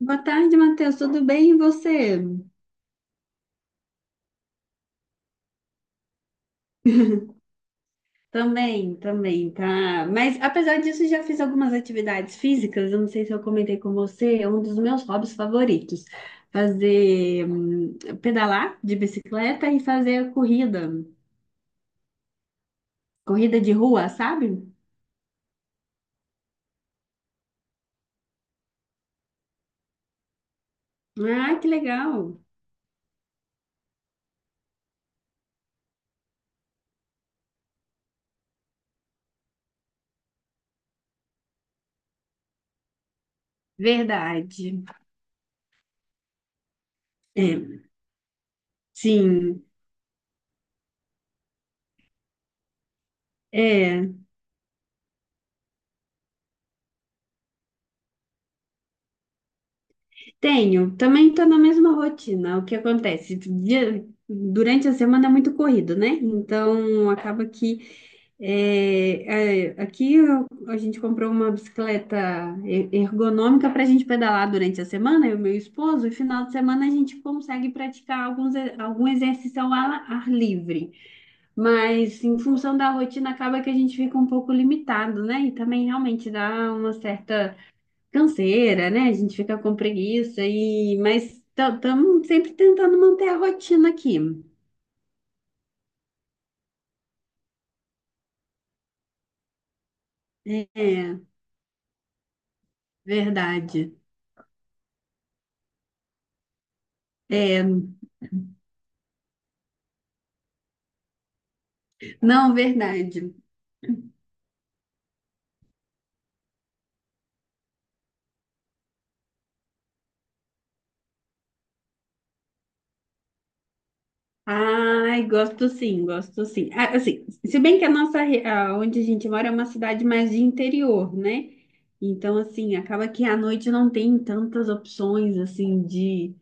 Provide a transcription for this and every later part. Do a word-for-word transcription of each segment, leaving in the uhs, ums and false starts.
Boa tarde, Matheus. Tudo bem? E você? Também, também, tá. Mas apesar disso, já fiz algumas atividades físicas. Eu não sei se eu comentei com você, é um dos meus hobbies favoritos. Fazer hum, pedalar de bicicleta e fazer corrida, corrida de rua, sabe? Ah, que legal. Verdade. É, sim. É. Tenho, também estou na mesma rotina. O que acontece? dia- Durante a semana é muito corrido, né? Então acaba que é, é, aqui eu- a gente comprou uma bicicleta e- ergonômica para a gente pedalar durante a semana, eu e meu esposo, e final de semana a gente consegue praticar alguns, e- algum exercício ao ar, ar livre. Mas em função da rotina acaba que a gente fica um pouco limitado, né? E também realmente dá uma certa canseira, né? A gente fica com preguiça e mas estamos sempre tentando manter a rotina aqui. É, verdade. É, não, verdade. Ai, gosto sim, gosto sim. Ah, assim, se bem que a nossa, re- a- onde a gente mora é uma cidade mais de interior, né? Então, assim, acaba que à noite não tem tantas opções, assim, de,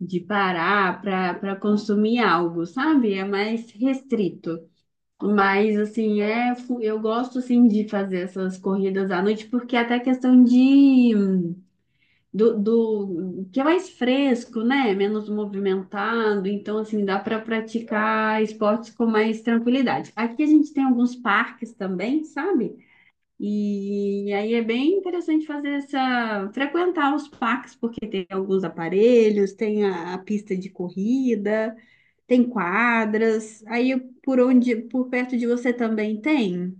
de parar para para consumir algo, sabe? É mais restrito. Mas assim, é, fu- eu gosto assim de fazer essas corridas à noite, porque é até questão de do, do que é mais fresco, né? Menos movimentado, então assim dá para praticar esportes com mais tranquilidade. Aqui a gente tem alguns parques também, sabe? E aí é bem interessante fazer essa, frequentar os parques, porque tem alguns aparelhos, tem a a pista de corrida. Tem quadras. Aí por onde, por perto de você também tem?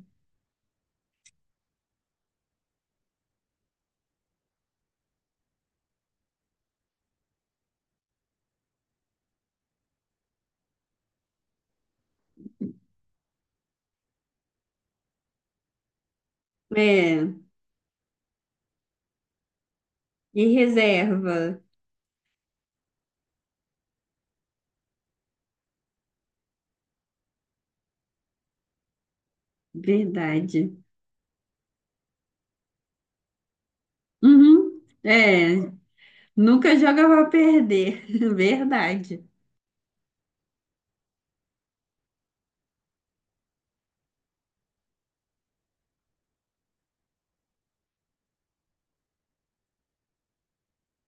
É. E reserva. Verdade. Uhum. É. Nunca joga pra perder. Verdade.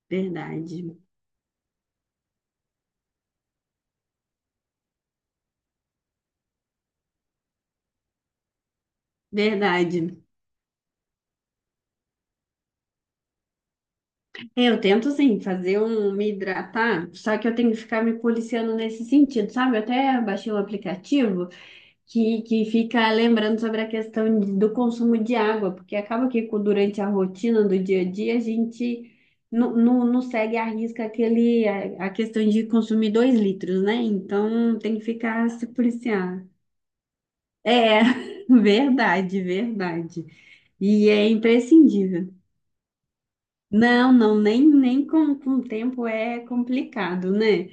Verdade. Verdade. É, eu tento, assim, fazer um me hidratar, só que eu tenho que ficar me policiando nesse sentido, sabe? Eu até baixei um aplicativo que, que fica lembrando sobre a questão de- do consumo de água, porque acaba que co- durante a rotina do dia a dia a gente não, não, não segue à risca aquele, a, a questão de consumir dois litros, né? Então tem que ficar se policiar. É, verdade, verdade. E é imprescindível. Não, não, nem, nem com, com o tempo é complicado, né?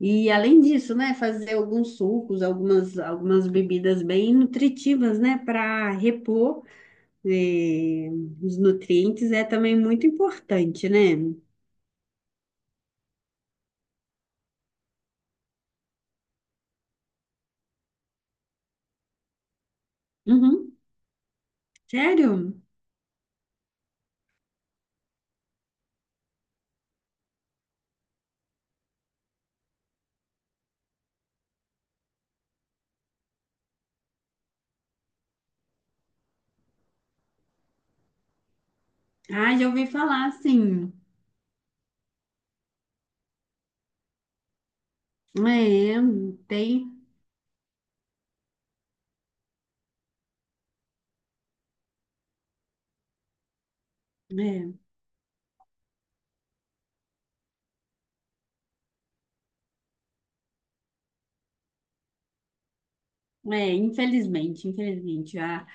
E além disso, né, fazer alguns sucos, algumas, algumas bebidas bem nutritivas, né, para repor, eh, os nutrientes é também muito importante, né? Uhum. Sério? Ah, já ouvi falar sim. É, tem. É, é, infelizmente, infelizmente. A,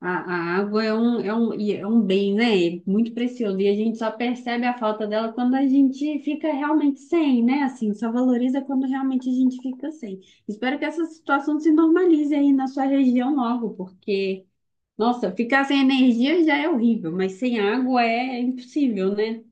a água é um, é um, e é um bem, né? É muito precioso. E a gente só percebe a falta dela quando a gente fica realmente sem, né? Assim, só valoriza quando realmente a gente fica sem. Espero que essa situação se normalize aí na sua região logo, porque, nossa, ficar sem energia já é horrível, mas sem água é impossível, né?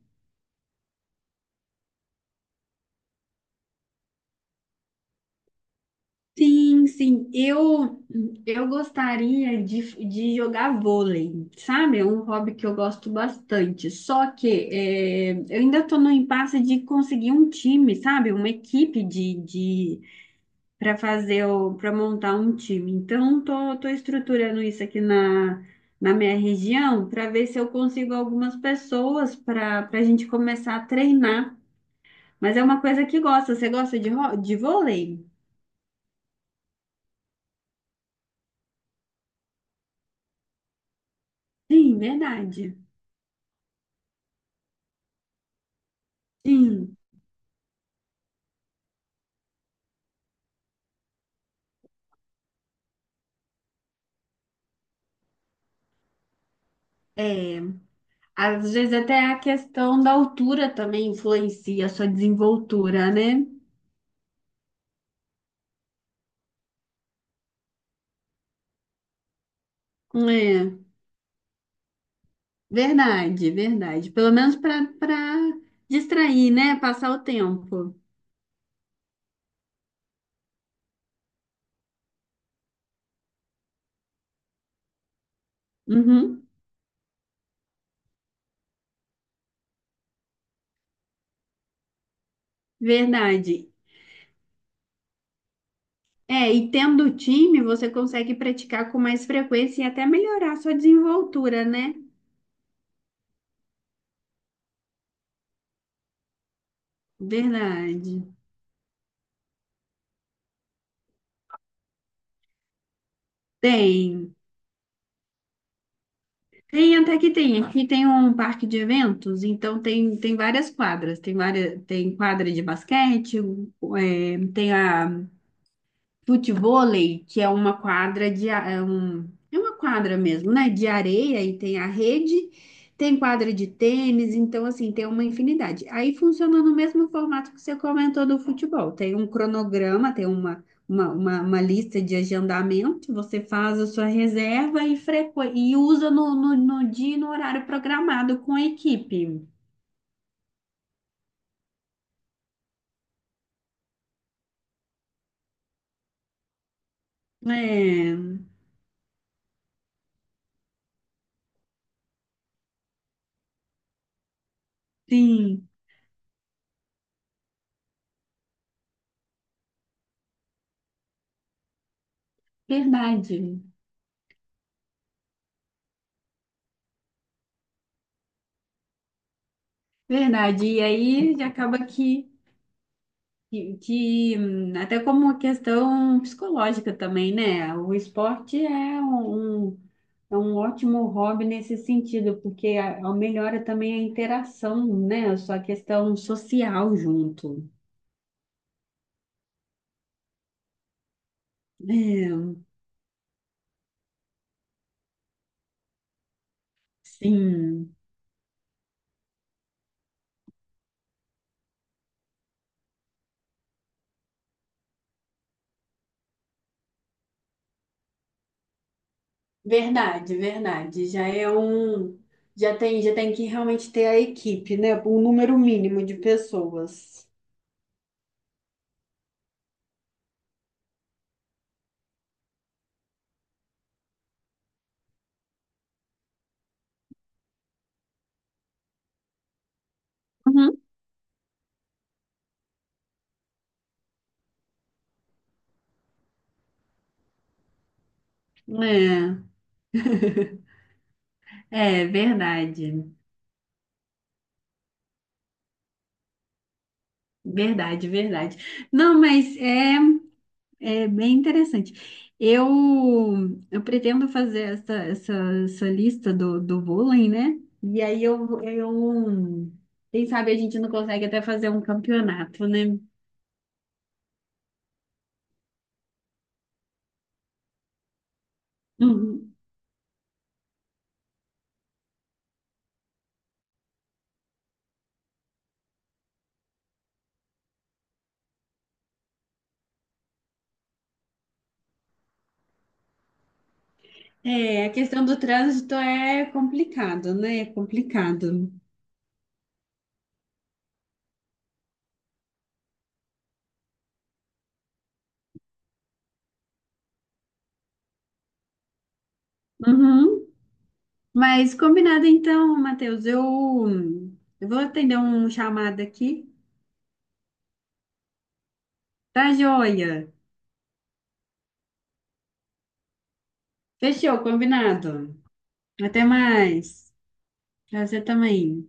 Sim, sim. Eu, eu gostaria de, de jogar vôlei, sabe? É um hobby que eu gosto bastante. Só que é, eu ainda estou no impasse de conseguir um time, sabe? Uma equipe de, de para fazer o para montar um time. Então, tô, tô estruturando isso aqui na, na minha região para ver se eu consigo algumas pessoas para para a gente começar a treinar. Mas é uma coisa que gosta. Você gosta de, ro- de vôlei? Sim, verdade. Sim. É, às vezes até a questão da altura também influencia a sua desenvoltura, né? É, verdade, verdade. Pelo menos para para distrair, né? Passar o tempo. Uhum, verdade. É, e tendo time, você consegue praticar com mais frequência e até melhorar a sua desenvoltura, né? Verdade. Tem. Tem, até que tem. Aqui tem um parque de eventos, então tem, tem várias quadras. Tem várias, tem quadra de basquete, é, tem a futevôlei, que é uma quadra de a- é, um, é uma quadra mesmo, né? De areia e tem a rede, tem quadra de tênis, então assim, tem uma infinidade. Aí funciona no mesmo formato que você comentou do futebol. Tem um cronograma, tem uma Uma, uma, uma lista de agendamento, você faz a sua reserva e, frequ... e usa no, no, no dia e no horário programado com a equipe. É, sim, verdade, verdade. E aí acaba que que, que, hum, até como uma questão psicológica também, né? O esporte é um, um- é um ótimo hobby nesse sentido, porque a- a- melhora também a interação, né? A sua questão social junto. É, sim, verdade, verdade. Já é um, já tem, já tem que realmente ter a equipe, né? Um número mínimo de pessoas. Uhum. É, é verdade, verdade, verdade. Não, mas é. É bem interessante. Eu, eu pretendo fazer essa, essa, essa lista do, do vôlei, né? E aí eu, eu, quem sabe a gente não consegue até fazer um campeonato, né? Uhum. É, a questão do trânsito é complicado, né? É complicado. Uhum. Mas combinado então, Matheus. Eu, eu vou atender um chamado aqui. Tá joia. Fechou, combinado. Até mais. Pra você também.